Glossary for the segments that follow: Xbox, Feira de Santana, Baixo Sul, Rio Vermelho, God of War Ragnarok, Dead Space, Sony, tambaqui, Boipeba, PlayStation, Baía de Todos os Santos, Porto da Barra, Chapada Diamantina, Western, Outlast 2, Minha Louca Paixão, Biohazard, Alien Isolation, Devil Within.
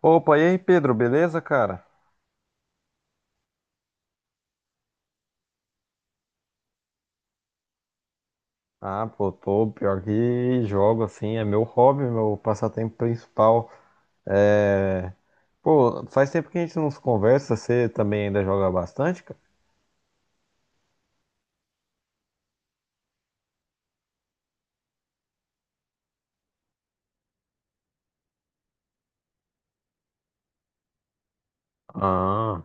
Opa, e aí, Pedro, beleza, cara? Ah, pô, tô pior que jogo, assim, é meu hobby, meu passatempo principal. É... Pô, faz tempo que a gente não se conversa, você também ainda joga bastante, cara? Ah,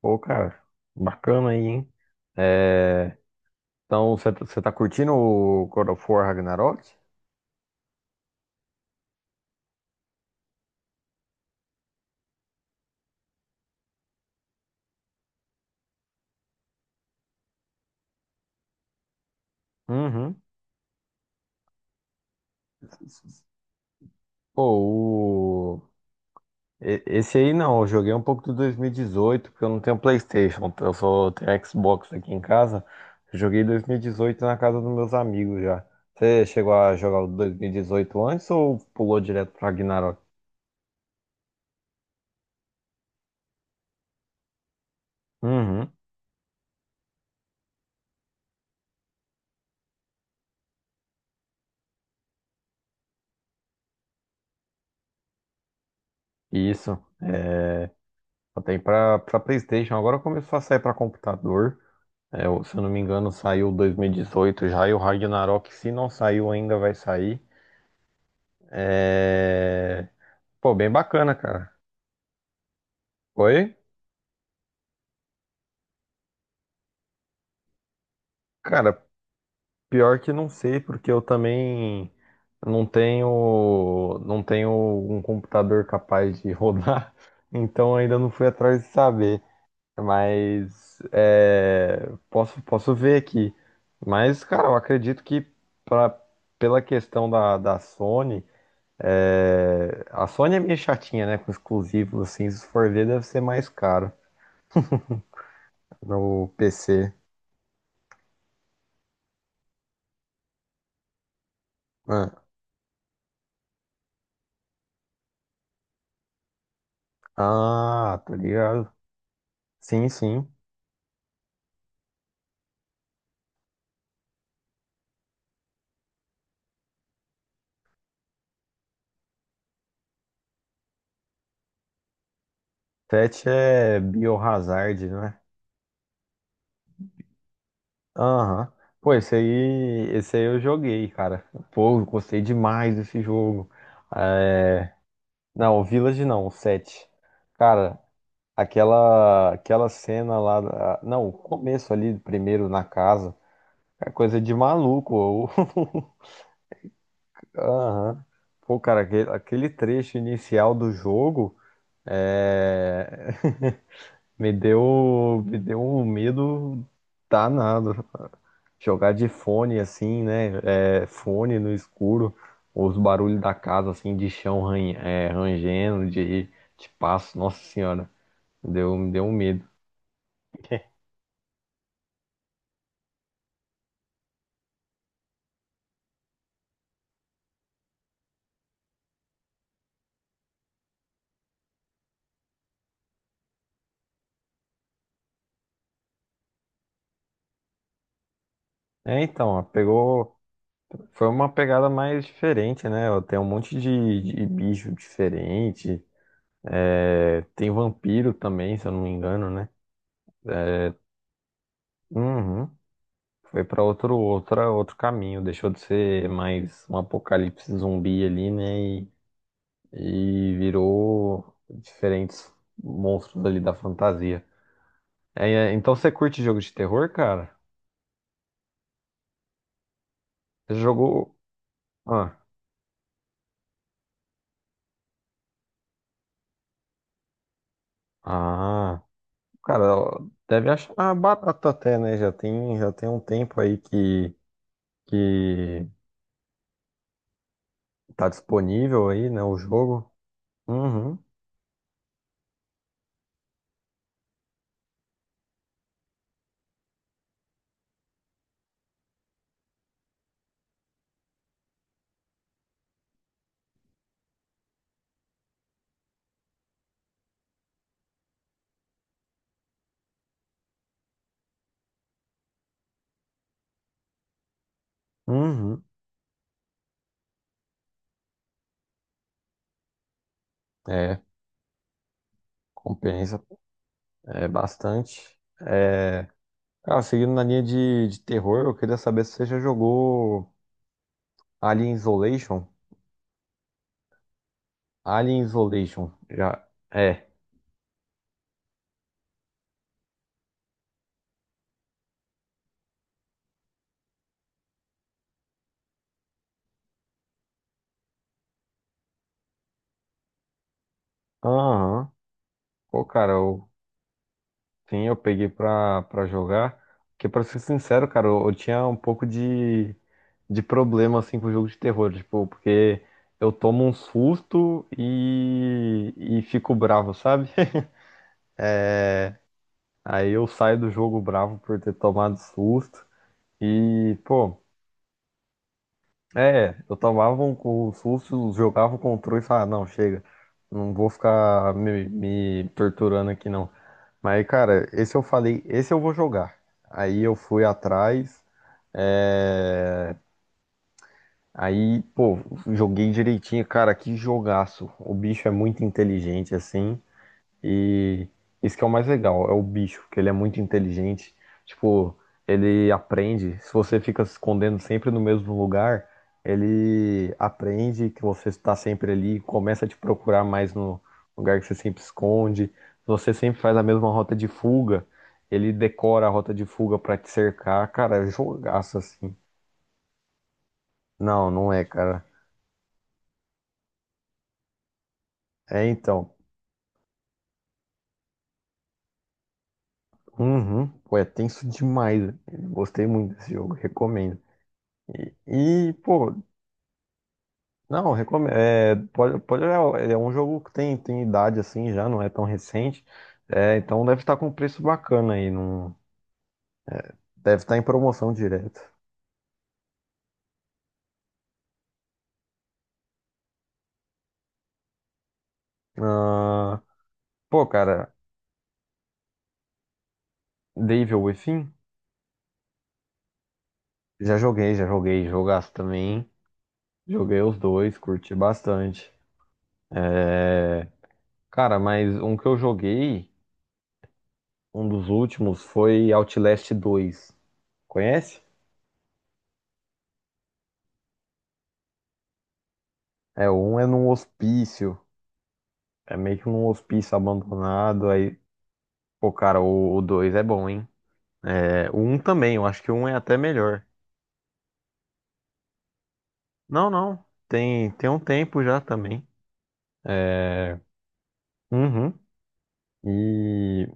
pô, cara, bacana aí, hein? É... Então, você tá curtindo o God of War Ragnarok? Uhum. Pô, Esse aí não, eu joguei um pouco do 2018, porque eu não tenho PlayStation, eu só tenho Xbox aqui em casa. Eu joguei 2018 na casa dos meus amigos já. Você chegou a jogar o 2018 antes ou pulou direto pra Ragnarok? Uhum, isso. É, só tem pra, pra PlayStation, agora começou a sair pra computador. É, se eu não me engano, saiu 2018 já, e o Ragnarok, se não saiu ainda, vai sair. É... Pô, bem bacana, cara. Oi? Cara, pior que não sei, porque eu também não tenho, não tenho um computador capaz de rodar, então ainda não fui atrás de saber. Mas é, posso, posso ver aqui. Mas, cara, eu acredito que pra, pela questão da, da Sony, é, a Sony é meio chatinha, né? Com exclusivos, assim, se for ver, deve ser mais caro no PC. Ah, tá ligado? Sim, sim. Tete é Biohazard, não é? Aham. Pô, esse aí eu joguei, cara. Pô, eu gostei demais desse jogo. É... Não, o Village não, o 7. Cara, aquela Não, o começo ali, primeiro na casa. É coisa de maluco, ô. Aham. Pô, cara, aquele trecho inicial do jogo é... me deu um medo danado. Jogar de fone assim, né? É, fone no escuro, os barulhos da casa assim, de chão rangendo, de passo, nossa senhora, me deu um medo. É, então, ó, pegou, foi uma pegada mais diferente, né? Ó, tem um monte de bicho diferente, é, tem vampiro também, se eu não me engano, né? Uhum. Foi para outro caminho, deixou de ser mais um apocalipse zumbi ali, né? E virou diferentes monstros ali da fantasia. Então você curte jogo de terror, cara? Você jogou. Ah, ah, cara, deve achar barato até, né? Já tem um tempo aí que tá disponível aí, né? O jogo. Uhum, uhum. É, compensa é bastante. É, cara, seguindo na linha de terror, eu queria saber se você já jogou Alien Isolation. Alien Isolation, já é. Aham. Pô, cara, eu, sim, eu peguei pra, pra jogar. Porque, pra ser sincero, cara, eu tinha um pouco de problema, assim, com o jogo de terror. Tipo, porque eu tomo um susto e fico bravo, sabe? Aí eu saio do jogo bravo por ter tomado susto. E, pô. É, eu tomava um susto, jogava o controle e falava, não, chega, não vou ficar me torturando aqui não. Mas, cara, esse eu falei, esse eu vou jogar. Aí eu fui atrás, é, aí, pô, joguei direitinho, cara, que jogaço. O bicho é muito inteligente, assim. E isso que é o mais legal, é o bicho, que ele é muito inteligente. Tipo, ele aprende. Se você fica se escondendo sempre no mesmo lugar, ele aprende que você está sempre ali, começa a te procurar mais no lugar que você sempre esconde. Se você sempre faz a mesma rota de fuga, ele decora a rota de fuga para te cercar. Cara, é jogaço assim. Não, não é, cara. É então. Uhum. Pô, é tenso demais. Gostei muito desse jogo, recomendo. E, e, pô, Não, recomendo. É, pode, pode olhar, é um jogo que tem, tem idade assim já, não é tão recente. É, então deve estar com um preço bacana aí. Não, deve estar em promoção direto. Ah, pô, cara, Devil Within? Já joguei, já joguei. Jogaço também. Joguei os dois, curti bastante. É, cara, mas um que eu joguei, um dos últimos, foi Outlast 2. Conhece? É, um é num hospício. É meio que num hospício abandonado. Aí pô, cara, o dois é bom, hein? É, o um também, eu acho que o um é até melhor. Não, não. Tem, tem um tempo já também. É, uhum. E,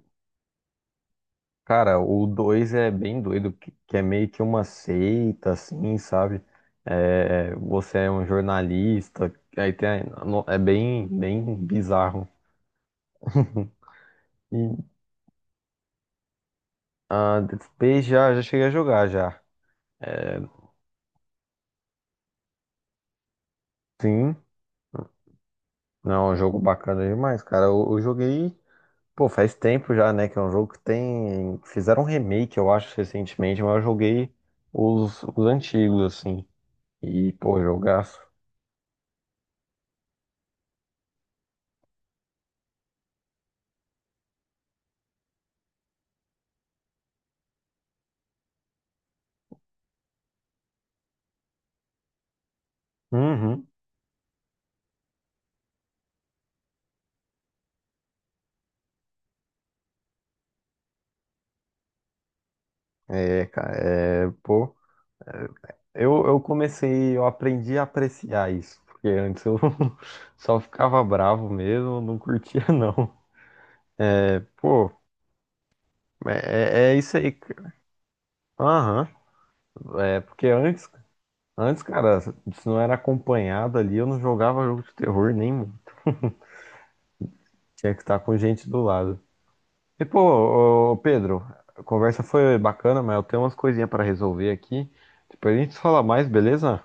cara, o dois é bem doido, que é meio que uma seita, assim, sabe? É, você é um jornalista, aí tem, a- no- é bem bizarro. E a Dead Space já, já cheguei a jogar já. Sim. Não, é um jogo bacana demais, cara. Eu joguei. Pô, faz tempo já, né? Que é um jogo que tem. Fizeram um remake, eu acho, recentemente, mas eu joguei os antigos, assim. E, pô, jogaço. Uhum. É, cara, é, pô. Eu comecei, eu aprendi a apreciar isso. Porque antes eu só ficava bravo mesmo, não curtia, não. Pô, é isso aí, cara. Aham. É, porque antes, cara, se não era acompanhado ali, eu não jogava jogo de terror nem. Tinha que estar com gente do lado. E pô, ô, Pedro, a conversa foi bacana, mas eu tenho umas coisinhas para resolver aqui. Depois a gente fala mais, beleza?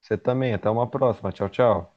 Você também, até uma próxima. Tchau, tchau.